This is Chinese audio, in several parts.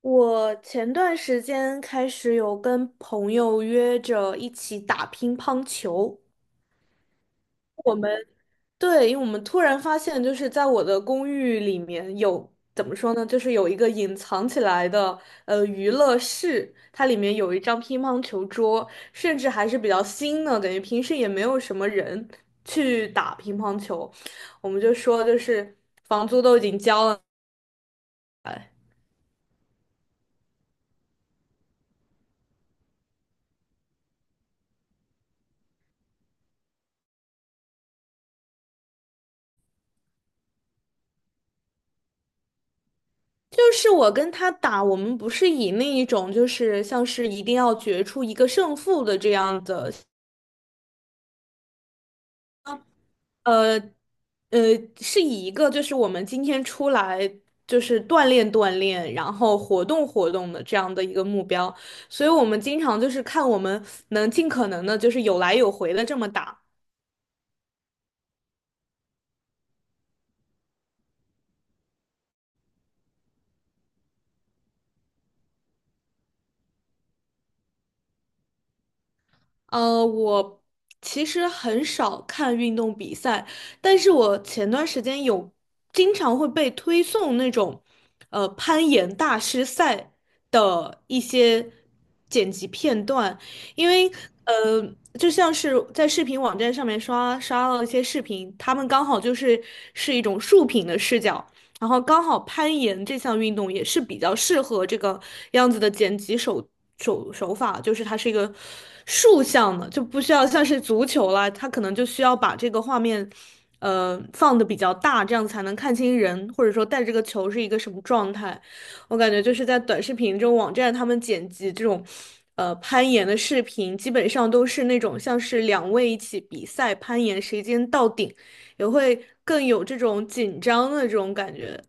我前段时间开始有跟朋友约着一起打乒乓球。对，因为我们突然发现，就是在我的公寓里面有，怎么说呢，就是有一个隐藏起来的娱乐室，它里面有一张乒乓球桌，甚至还是比较新的，等于平时也没有什么人去打乒乓球。我们就说就是。房租都已经交了。就是我跟他打，我们不是以那一种就是像是一定要决出一个胜负的这样的，呃，呃，是以一个就是我们今天出来就是锻炼锻炼，然后活动活动的这样的一个目标，所以我们经常就是看我们能尽可能的就是有来有回的这么打。我其实很少看运动比赛，但是我前段时间有经常会被推送那种，攀岩大师赛的一些剪辑片段，因为就像是在视频网站上面刷到一些视频，他们刚好就是是一种竖屏的视角，然后刚好攀岩这项运动也是比较适合这个样子的剪辑手法，就是它是一个竖向的，就不需要像是足球啦，它可能就需要把这个画面，放的比较大，这样才能看清人，或者说带这个球是一个什么状态。我感觉就是在短视频这种网站，他们剪辑这种攀岩的视频基本上都是那种像是两位一起比赛攀岩，谁先到顶，也会更有这种紧张的这种感觉。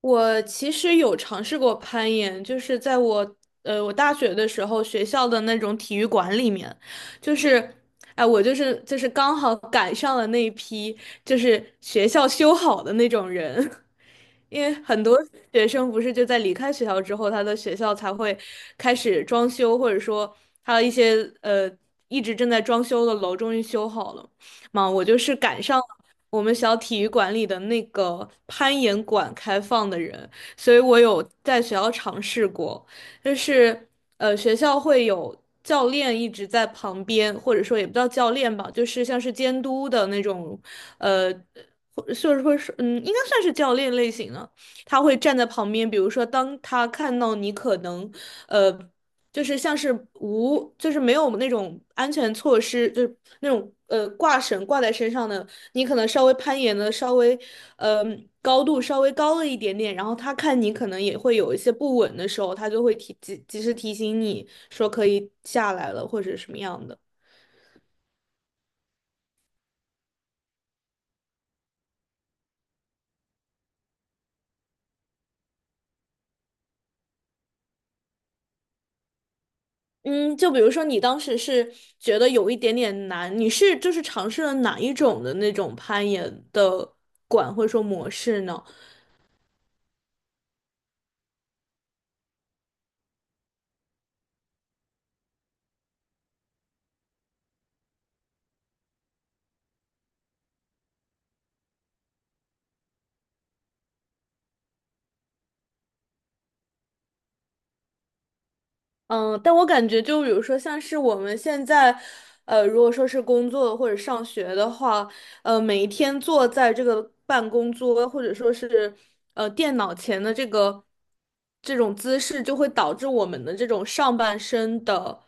我其实有尝试过攀岩，就是在我大学的时候学校的那种体育馆里面。就是哎，我刚好赶上了那一批就是学校修好的那种人。因为很多学生不是就在离开学校之后，他的学校才会开始装修，或者说他的一些呃一直正在装修的楼终于修好了嘛。我就是赶上了我们小体育馆里的那个攀岩馆开放的人，所以我有在学校尝试过，就是学校会有教练一直在旁边，或者说也不叫教练吧，就是像是监督的那种呃。或就是会是，嗯，应该算是教练类型的，他会站在旁边，比如说当他看到你可能，呃，就是像是无，就是没有那种安全措施，就是那种挂绳挂在身上的，你可能稍微攀岩的稍微，呃，高度稍微高了一点点，然后他看你可能也会有一些不稳的时候，他就会及时提醒你说可以下来了或者什么样的。嗯，就比如说你当时是觉得有一点点难，你是就是尝试了哪一种的那种攀岩的馆或者说模式呢？嗯，但我感觉就比如说像是我们现在，如果说是工作或者上学的话，每一天坐在这个办公桌或者说是电脑前的这种姿势，就会导致我们的这种上半身的，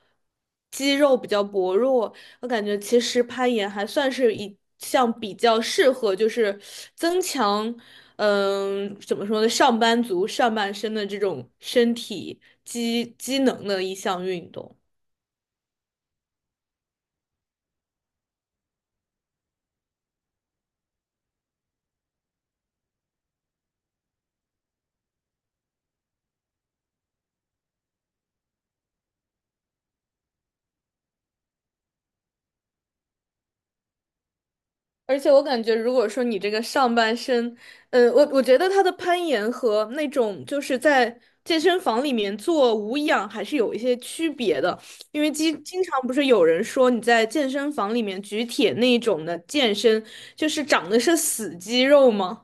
肌肉比较薄弱。我感觉其实攀岩还算是一项比较适合，就是增强，怎么说呢，上班族上半身的这种身体机能的一项运动。而且我感觉，如果说你这个上半身，我觉得它的攀岩和那种就是在健身房里面做无氧还是有一些区别的，因为经常不是有人说你在健身房里面举铁那种的健身，就是长的是死肌肉吗？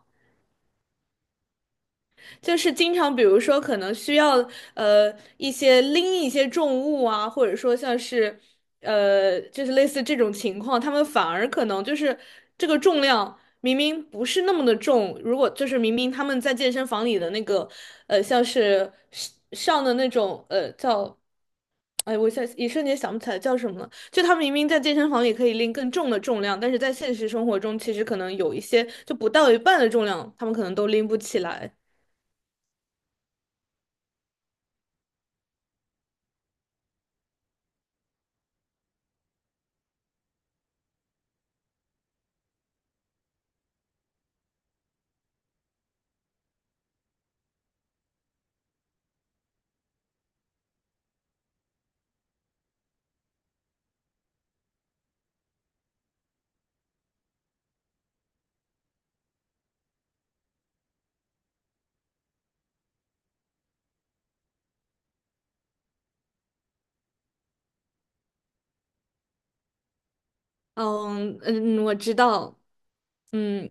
就是经常，比如说可能需要一些拎一些重物啊，或者说像是就是类似这种情况，他们反而可能就是这个重量明明不是那么的重，如果就是明明他们在健身房里的那个像是上上的那种叫。哎，我现在一瞬间想不起来叫什么了。就他们明明在健身房里可以拎更重的重量，但是在现实生活中，其实可能有一些就不到一半的重量，他们可能都拎不起来。嗯嗯，我知道。嗯。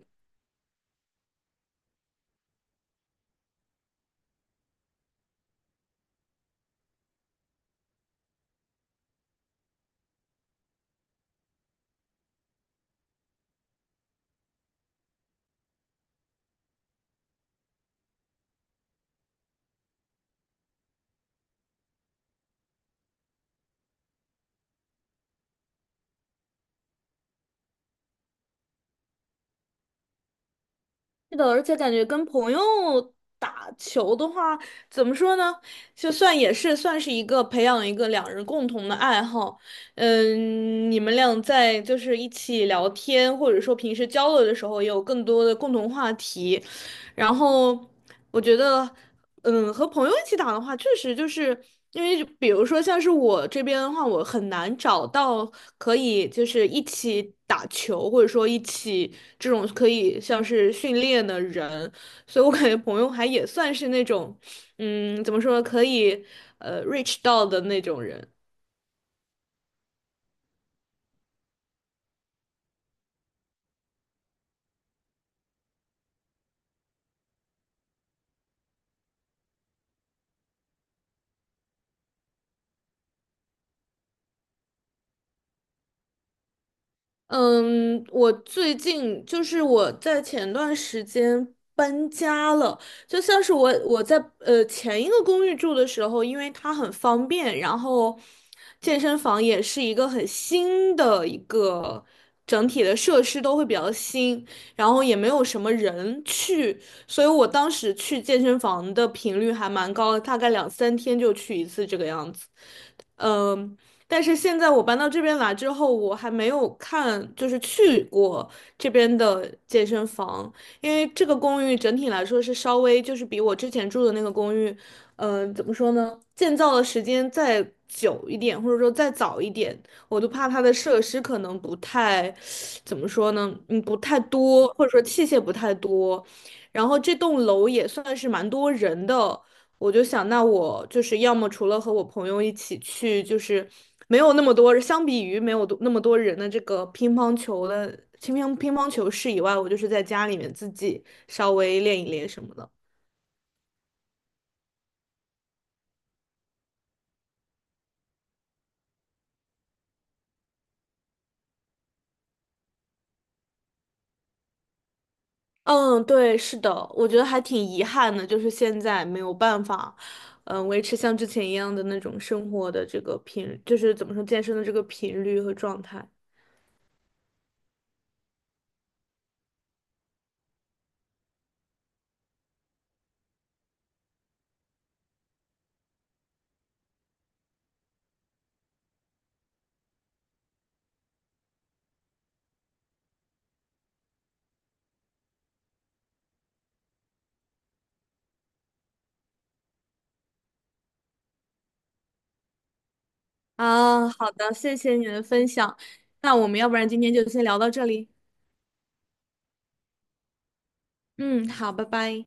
是的，而且感觉跟朋友打球的话，怎么说呢？就算也是算是一个培养一个两人共同的爱好，嗯，你们俩在就是一起聊天，或者说平时交流的时候，也有更多的共同话题，然后我觉得，嗯，和朋友一起打的话，确实就是因为，比如说像是我这边的话，我很难找到可以就是一起打球，或者说一起这种可以像是训练的人，所以我感觉朋友还也算是那种，嗯，怎么说，可以reach 到的那种人。嗯，我最近就是我在前段时间搬家了。就像是我在前一个公寓住的时候，因为它很方便，然后健身房也是一个很新的一个整体的设施都会比较新，然后也没有什么人去，所以我当时去健身房的频率还蛮高的，大概两三天就去一次这个样子。嗯，但是现在我搬到这边来之后，我还没有看，就是去过这边的健身房，因为这个公寓整体来说是稍微就是比我之前住的那个公寓，怎么说呢，建造的时间再久一点，或者说再早一点，我都怕它的设施可能不太，怎么说呢，不太多，或者说器械不太多，然后这栋楼也算是蛮多人的。我就想，那我就是要么除了和我朋友一起去，就是没有那么多，相比于没有多那么多人的这个乒乓球的乒乓球室以外，我就是在家里面自己稍微练一练什么的。嗯，对，是的，我觉得还挺遗憾的，就是现在没有办法，维持像之前一样的那种生活的这个频，就是怎么说健身的这个频率和状态。啊，好的，谢谢你的分享。那我们要不然今天就先聊到这里。嗯，好，拜拜。